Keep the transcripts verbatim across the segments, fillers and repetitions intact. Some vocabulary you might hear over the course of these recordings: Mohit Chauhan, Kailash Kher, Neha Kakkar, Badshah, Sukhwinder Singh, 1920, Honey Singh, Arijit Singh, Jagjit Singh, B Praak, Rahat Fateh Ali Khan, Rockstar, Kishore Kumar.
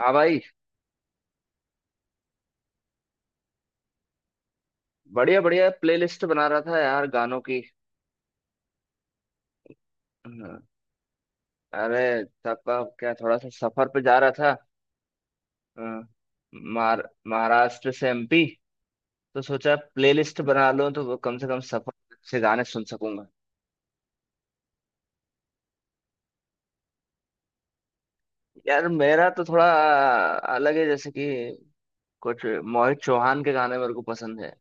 हाँ भाई। बढ़िया बढ़िया प्लेलिस्ट बना रहा था यार गानों की। हम्म, अरे सबका क्या थोड़ा सा सफर पे जा रहा था। हम्म, महार- महाराष्ट्र से एमपी तो सोचा प्लेलिस्ट बना लूं तो वो कम से कम सफर से गाने सुन सकूंगा। यार मेरा तो थोड़ा अलग है, जैसे कि कुछ मोहित चौहान के गाने मेरे को पसंद है।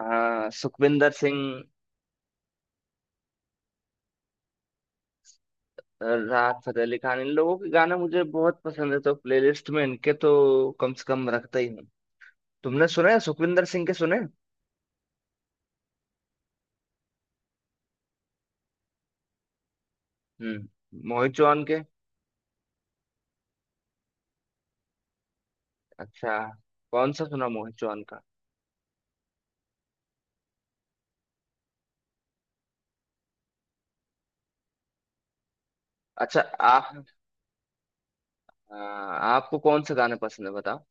हाँ, सुखविंदर सिंह, राहत फतेह अली खान इन लोगों के गाने मुझे बहुत पसंद है, तो प्लेलिस्ट में इनके तो कम से कम रखता ही हूँ। तुमने सुने सुखविंदर सिंह के सुने? हम्म मोहित चौहान के। अच्छा, कौन सा सुना मोहित चौहान का? अच्छा। आप। आ, आपको कौन से गाने पसंद है बताओ?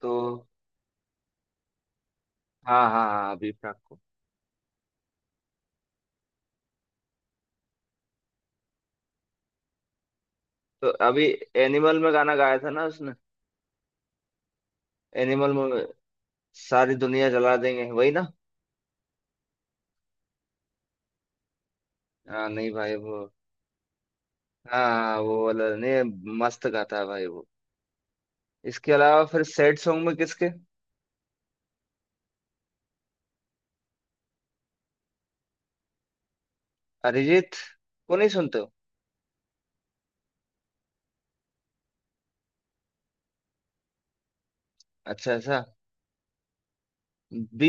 तो हाँ हाँ हाँ, अभी प्राक को। तो अभी एनिमल में गाना गाया था ना उसने, एनिमल में। सारी दुनिया जला देंगे वही ना। हाँ नहीं भाई वो। हाँ हाँ, वो वाला नहीं। मस्त गाता है भाई वो। इसके अलावा फिर सैड सॉन्ग में किसके? अरिजीत को नहीं सुनते हो? अच्छा, ऐसा। बी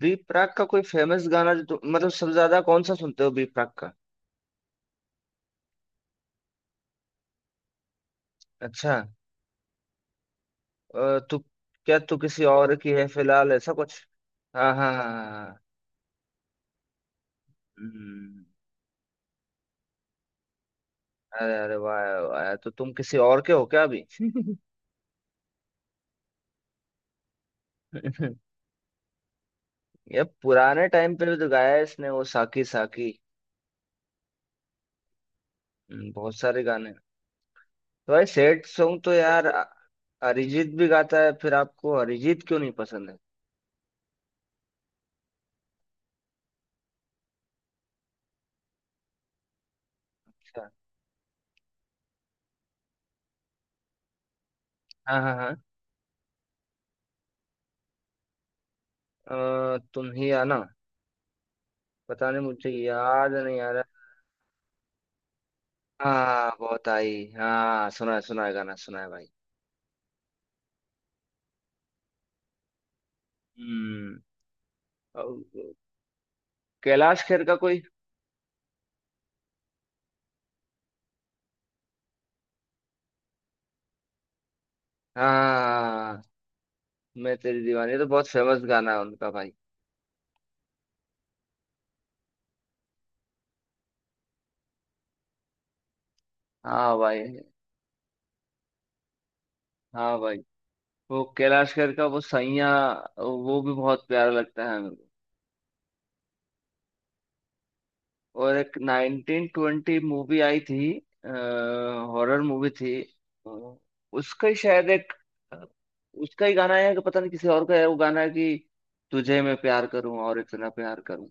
बी प्राक का कोई फेमस गाना जो तुम- मतलब सबसे ज्यादा कौन सा सुनते हो बी प्राक का? अच्छा। अ, तू क्या तू किसी और की है फिलहाल ऐसा कुछ? हाँ हाँ हाँ हाँ, हाँ। हम्म, अरे अरे वाह वाह, तो तुम किसी और के हो क्या अभी? ये पुराने टाइम पे भी तो गाया है इसने वो साकी साकी। हम्म, बहुत सारे गाने। तो भाई सैड सॉन्ग तो यार अ- अरिजीत भी गाता है, फिर आपको अरिजीत क्यों नहीं पसंद है? अच्छा, हाँ हाँ हाँ। अ, तुम ही आना। पता नहीं, मुझे याद नहीं आ रहा। हाँ बहुत आई, हाँ सुना है, सुना है गाना, सुना है भाई। हम्म। और कैलाश खेर का कोई? हाँ, मैं तेरी दीवानी, ये तो बहुत फेमस गाना है उनका भाई। हाँ भाई। हाँ भाई, वो कैलाश खेर का वो सैया, वो भी बहुत प्यारा लगता है मेरे को। और एक नाइनटीन ट्वेंटी मूवी आई थी, हॉरर मूवी थी। अ, उसका ही शायद एक, उसका ही गाना है, कि पता नहीं किसी और का है वो गाना है कि तुझे मैं प्यार करूं और इतना प्यार करूं।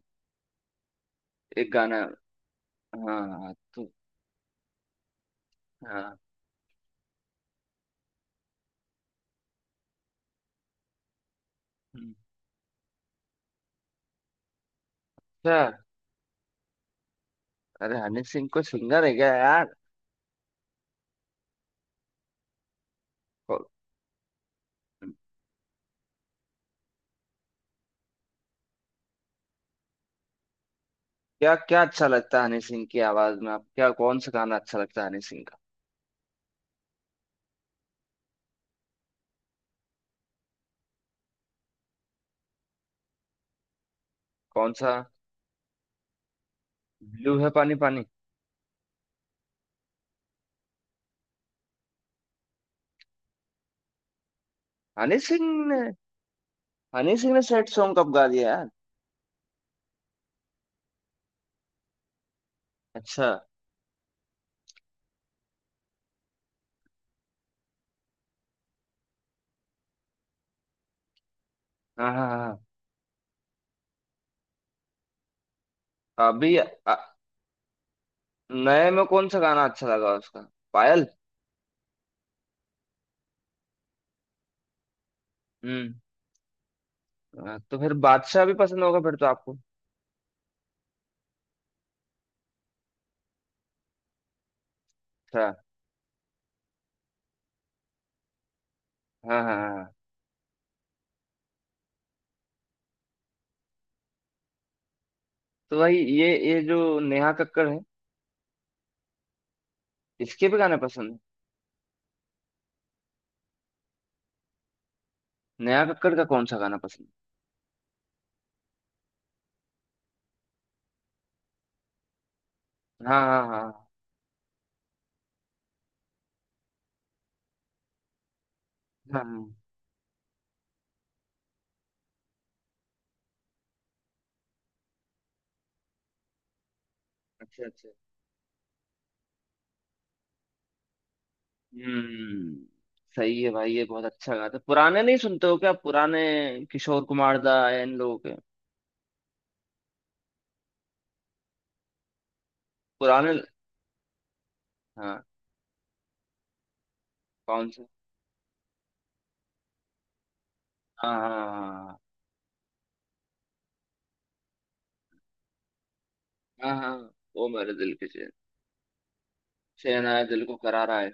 एक गाना। हाँ तो हाँ। हम्म। अच्छा। अरे हनी सिंह को सिंगर है क्या यार? को- क्या क्या अच्छा लगता है हनी सिंह की आवाज में आप? क्या कौन सा गाना अच्छा लगता है हनी सिंह का? कौन सा? ब्लू है पानी पानी? हनी सिंह ने, हनी सिंह ने सैड सॉन्ग कब गा दिया यार? अच्छा। हाँ हाँ हाँ हाँ। अभी अ, नए में कौन सा गाना अच्छा लगा उसका? पायल? हम्म। हाँ, तो फिर बादशाह भी पसंद होगा फिर तो आपको? अच्छा, हाँ हाँ हाँ हाँ। तो वही ये ये जो नेहा कक्कड़ है, इसके भी गाने पसंद है? नया कक्कड़ का कौन सा गाना पसंद? हाँ हाँ हाँ हाँ हाँ, अच्छा अच्छा। हम्म। सही है भाई, ये बहुत अच्छा गाना था। पुराने नहीं सुनते हो क्या, पुराने किशोर कुमार दा या इन लोगों के? पुराने। हाँ, कौन से? हाँ हाँ हाँ हाँ हाँ, हाँ, वो मेरे दिल के चैन। चैन आया दिल को करारा है।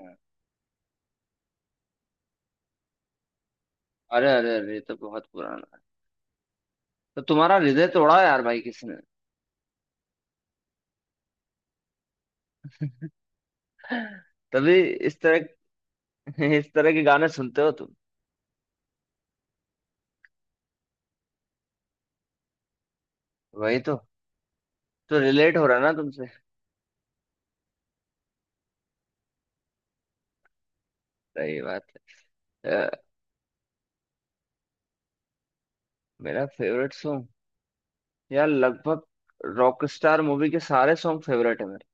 हाँ। अरे अरे अरे ये तो बहुत पुराना है। तो तुम्हारा हृदय तोड़ा यार भाई किसने? तभी इस तरह इस तरह के गाने सुनते हो तुम। वही तो। तो रिलेट हो रहा है ना तुमसे? सही बात है। अ, मेरा फेवरेट सॉन्ग यार, लगभग रॉकस्टार मूवी के सारे सॉन्ग फेवरेट है मेरे।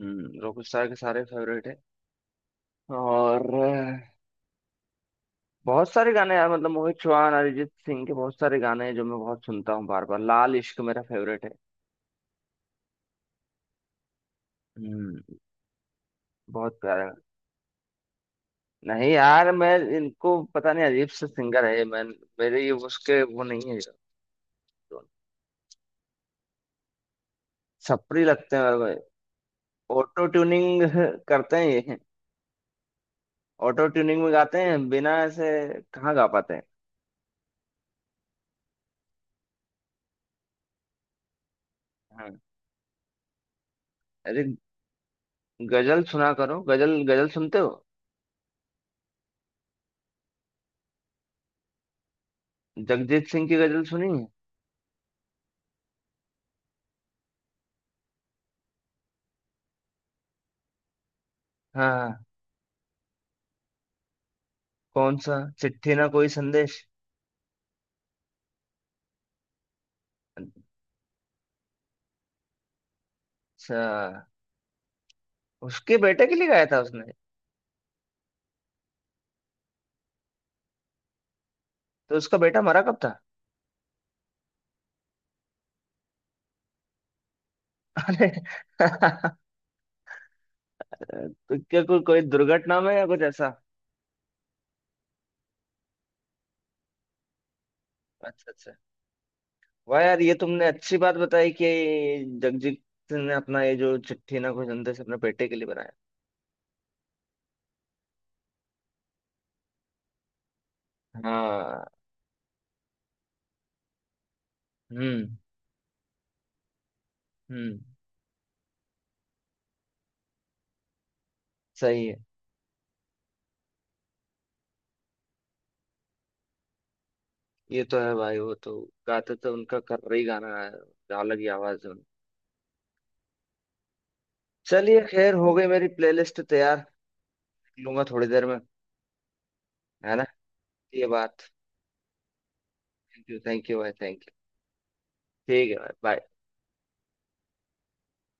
हम्म रॉकस्टार के सारे फेवरेट है। और अह, बहुत सारे गाने यार, मतलब मोहित चौहान, अरिजीत सिंह के बहुत सारे गाने हैं जो मैं बहुत सुनता हूँ बार बार। लाल इश्क मेरा फेवरेट है। हम्म। बहुत प्यारा गाना। नहीं यार, मैं इनको पता नहीं, अजीब से सिंगर है ये, मैं, मेरे ये उसके वो नहीं है। छपरी लगते हैं भाई। ऑटो ट्यूनिंग करते हैं ये, ऑटो ट्यूनिंग में गाते हैं, बिना ऐसे कहाँ गा पाते हैं। हाँ। अरे गजल सुना करो, गजल। गजल सुनते हो? जगजीत सिंह की गजल सुनी है? हाँ। कौन सा? चिट्ठी ना कोई संदेश? अच्छा। उसके बेटे के लिए गाया था उसने? तो उसका बेटा मरा कब था? अरे तो क्या कोई, कोई दुर्घटना में या कुछ ऐसा? अच्छा अच्छा। वाह यार, ये तुमने अच्छी बात बताई कि जगजीत सिंह ने अपना ये जो चिट्ठी ना कोई संदेश अपने बेटे के लिए बनाया। हाँ। हम्म। हम्म। सही है। ये तो है भाई, वो तो गाते तो उनका कर्री गाना है। अलग ही आवाज है उनकी। चलिए खैर, हो गई मेरी प्लेलिस्ट तैयार। लूंगा थोड़ी देर में। है ना। ये बात। थैंक यू, थैंक यू भाई, थैंक यू। ठीक है भाई bye।